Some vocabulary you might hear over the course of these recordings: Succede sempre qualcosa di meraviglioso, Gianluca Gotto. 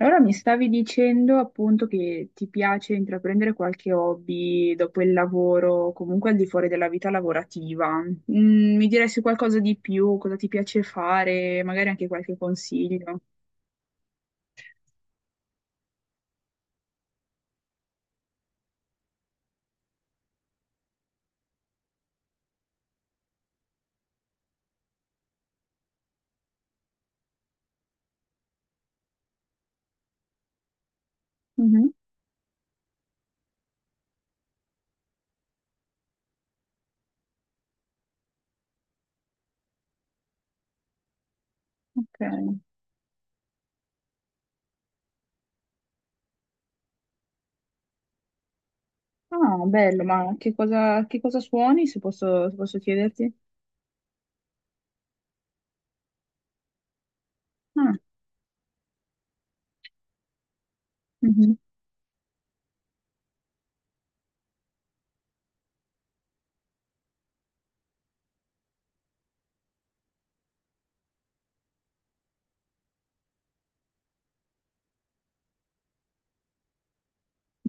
Allora mi stavi dicendo appunto che ti piace intraprendere qualche hobby dopo il lavoro, comunque al di fuori della vita lavorativa. Mm, mi diresti qualcosa di più, cosa ti piace fare, magari anche qualche consiglio. Mhm. Ok. Ah, bello, ma che cosa suoni, se posso chiederti? Ah, mhm.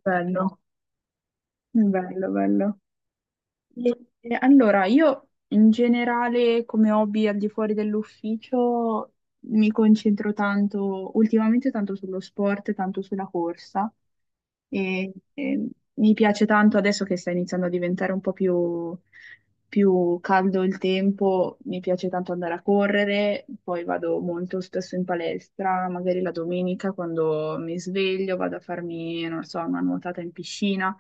Bello, bello, bello. Allora, io in generale come hobby al di fuori dell'ufficio mi concentro tanto, ultimamente tanto sullo sport, tanto sulla corsa, e mi piace tanto adesso che sta iniziando a diventare un po' più, più caldo il tempo, mi piace tanto andare a correre, poi vado molto spesso in palestra, magari la domenica quando mi sveglio vado a farmi, non so, una nuotata in piscina.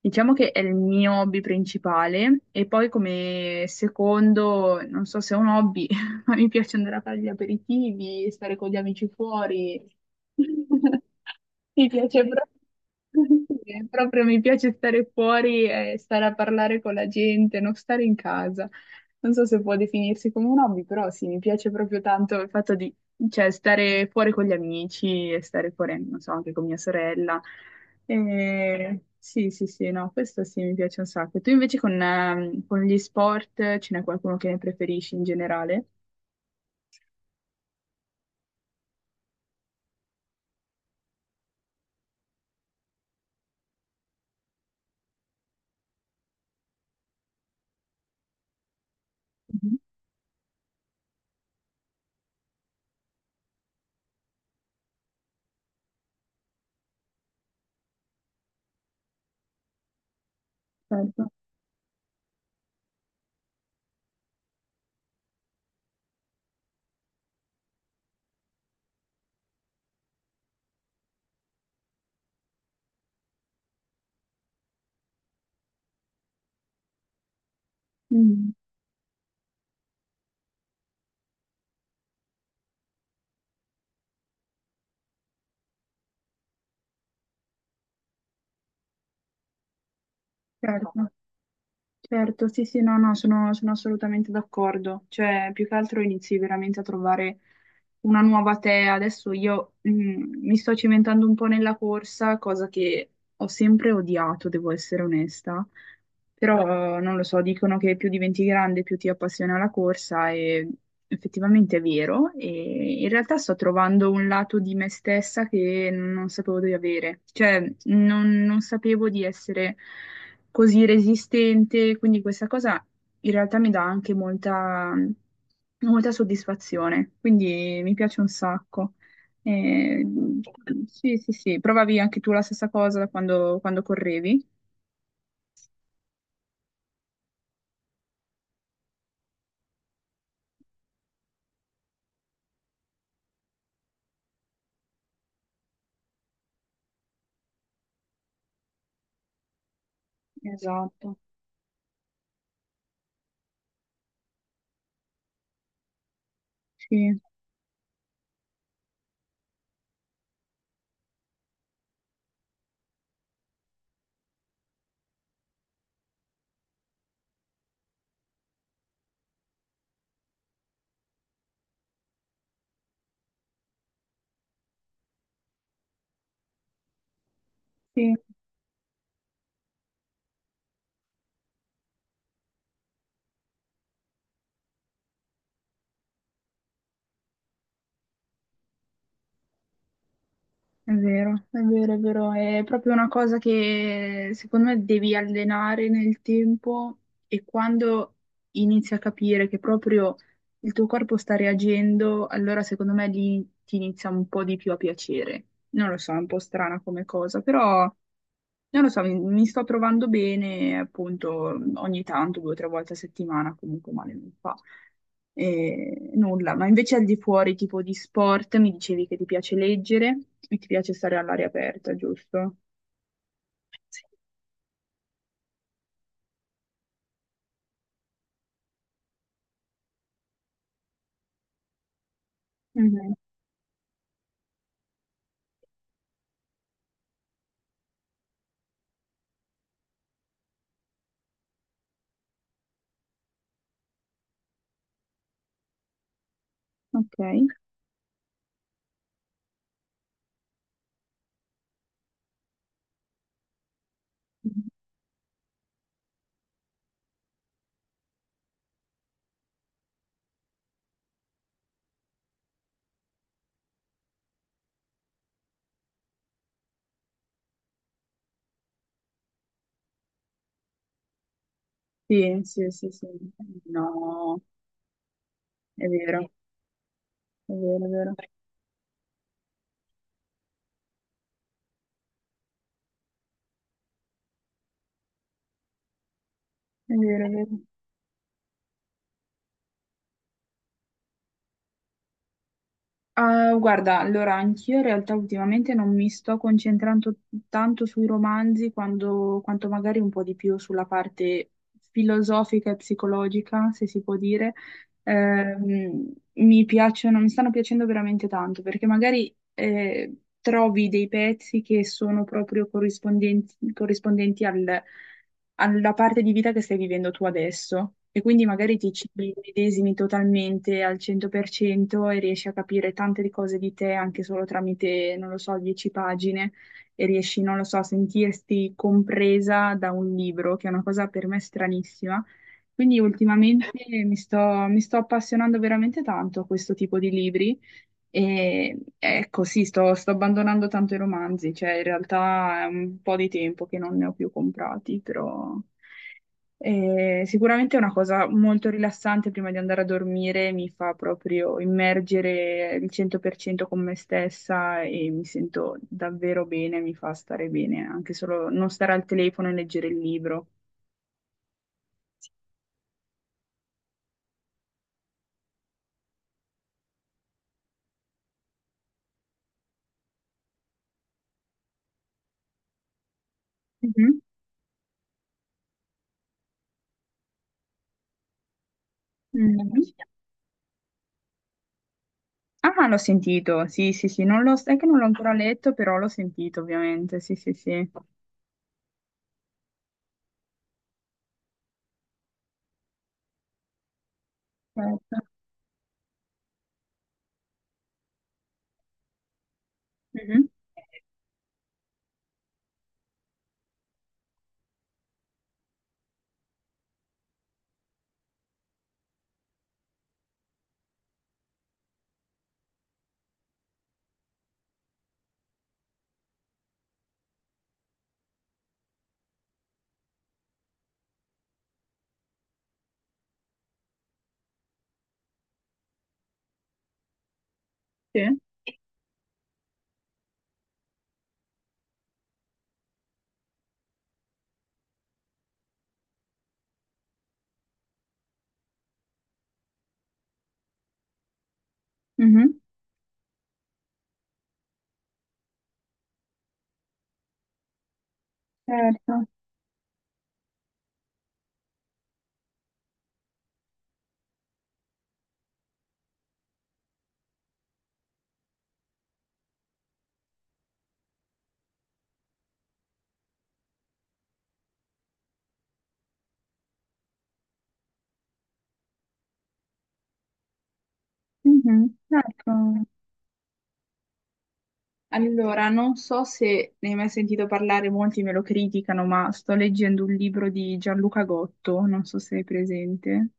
Diciamo che è il mio hobby principale e poi come secondo, non so se è un hobby, mi piace andare a fare gli aperitivi, stare con gli amici fuori. Mi piace proprio, sì, proprio mi piace stare fuori e stare a parlare con la gente, non stare in casa. Non so se può definirsi come un hobby, però sì, mi piace proprio tanto il fatto di, cioè, stare fuori con gli amici e stare fuori, non so, anche con mia sorella. E sì, sì, sì, no, questo sì, mi piace un sacco. Tu invece con gli sport ce n'è qualcuno che ne preferisci in generale? Mhm. Certo. Mm, certo, certo, sì, sì, no, no, sono assolutamente d'accordo. Cioè, più che altro inizi veramente a trovare una nuova te. Adesso io mi sto cimentando un po' nella corsa, cosa che ho sempre odiato, devo essere onesta. Però non lo so, dicono che più diventi grande, più ti appassiona la corsa e effettivamente è vero. E in realtà sto trovando un lato di me stessa che non sapevo di avere. Cioè, non sapevo di essere così resistente, quindi questa cosa in realtà mi dà anche molta, molta soddisfazione. Quindi mi piace un sacco. Eh, sì, sì, sì, provavi anche tu la stessa cosa da quando correvi? Esatto. Sì, sì, è vero, è vero, è vero, è proprio una cosa che secondo me devi allenare nel tempo e quando inizi a capire che proprio il tuo corpo sta reagendo, allora secondo me lì ti inizia un po' di più a piacere. Non lo so, è un po' strana come cosa, però non lo so, mi sto trovando bene, appunto, ogni tanto, due o tre volte a settimana, comunque male non fa. E nulla, ma invece al di fuori, tipo di sport, mi dicevi che ti piace leggere e ti piace stare all'aria aperta, giusto? Sì. Mhm. Ok. Sì, sì, sì, sì. No, è vero, è vero, è vero, è vero, è vero. Ah, guarda, allora anch'io in realtà ultimamente non mi sto concentrando tanto sui romanzi quanto magari un po' di più sulla parte filosofica e psicologica, se si può dire. Mi piacciono, mi stanno piacendo veramente tanto perché magari trovi dei pezzi che sono proprio corrispondenti, corrispondenti al alla parte di vita che stai vivendo tu adesso e quindi magari ti ci medesimi totalmente al 100% e riesci a capire tante cose di te anche solo tramite, non lo so, 10 pagine e riesci, non lo so, a sentirti compresa da un libro, che è una cosa per me stranissima. Quindi ultimamente mi sto, mi sto appassionando veramente tanto a questo tipo di libri e ecco, sì, sto abbandonando tanto i romanzi, cioè in realtà è un po' di tempo che non ne ho più comprati, però sicuramente è una cosa molto rilassante prima di andare a dormire, mi fa proprio immergere il 100% con me stessa e mi sento davvero bene, mi fa stare bene, anche solo non stare al telefono e leggere il libro. Mhm, mhm. Ah, l'ho sentito, sì, sì, sì, non l'ho, è che non l'ho ancora letto, però l'ho sentito ovviamente, sì, sì, sì. Certo. Mhm. Sì. Mhm. Certo. Mhm. Certo. Allora, non so se ne hai mai sentito parlare, molti me lo criticano, ma sto leggendo un libro di Gianluca Gotto, non so se è presente.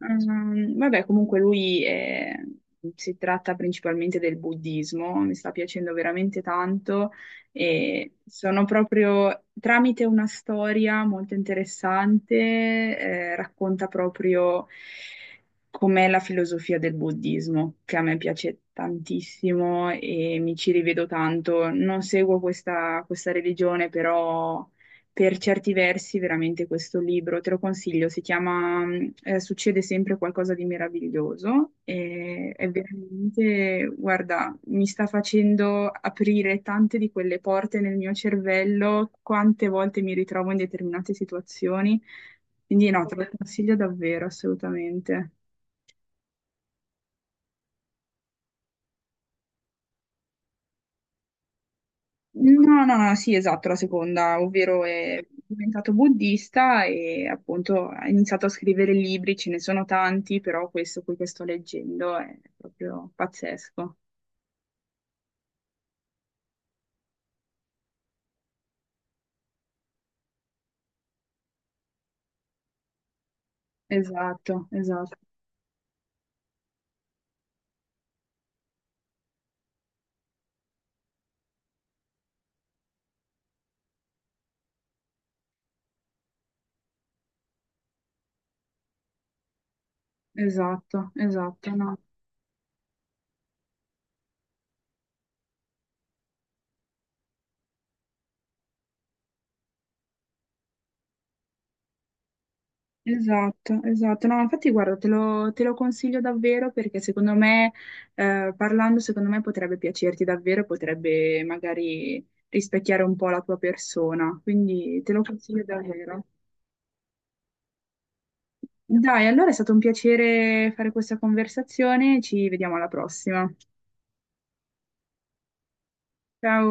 Vabbè, comunque si tratta principalmente del buddismo, mi sta piacendo veramente tanto e sono proprio tramite una storia molto interessante, racconta proprio com'è la filosofia del buddismo, che a me piace tantissimo e mi ci rivedo tanto. Non seguo questa religione, però per certi versi veramente questo libro, te lo consiglio, si chiama Succede sempre qualcosa di meraviglioso e è veramente, guarda, mi sta facendo aprire tante di quelle porte nel mio cervello, quante volte mi ritrovo in determinate situazioni, quindi no, te lo consiglio davvero, assolutamente. No, no, no, sì, esatto, la seconda, ovvero è diventato buddista e appunto ha iniziato a scrivere libri, ce ne sono tanti, però questo qui che sto leggendo è proprio pazzesco. Esatto, esatto, esatto, esatto, no. Esatto, esatto. No, infatti guarda, te lo consiglio davvero perché secondo me, parlando, secondo me potrebbe piacerti davvero, potrebbe magari rispecchiare un po' la tua persona, quindi te lo consiglio davvero. Dai, allora è stato un piacere fare questa conversazione, ci vediamo alla prossima. Ciao.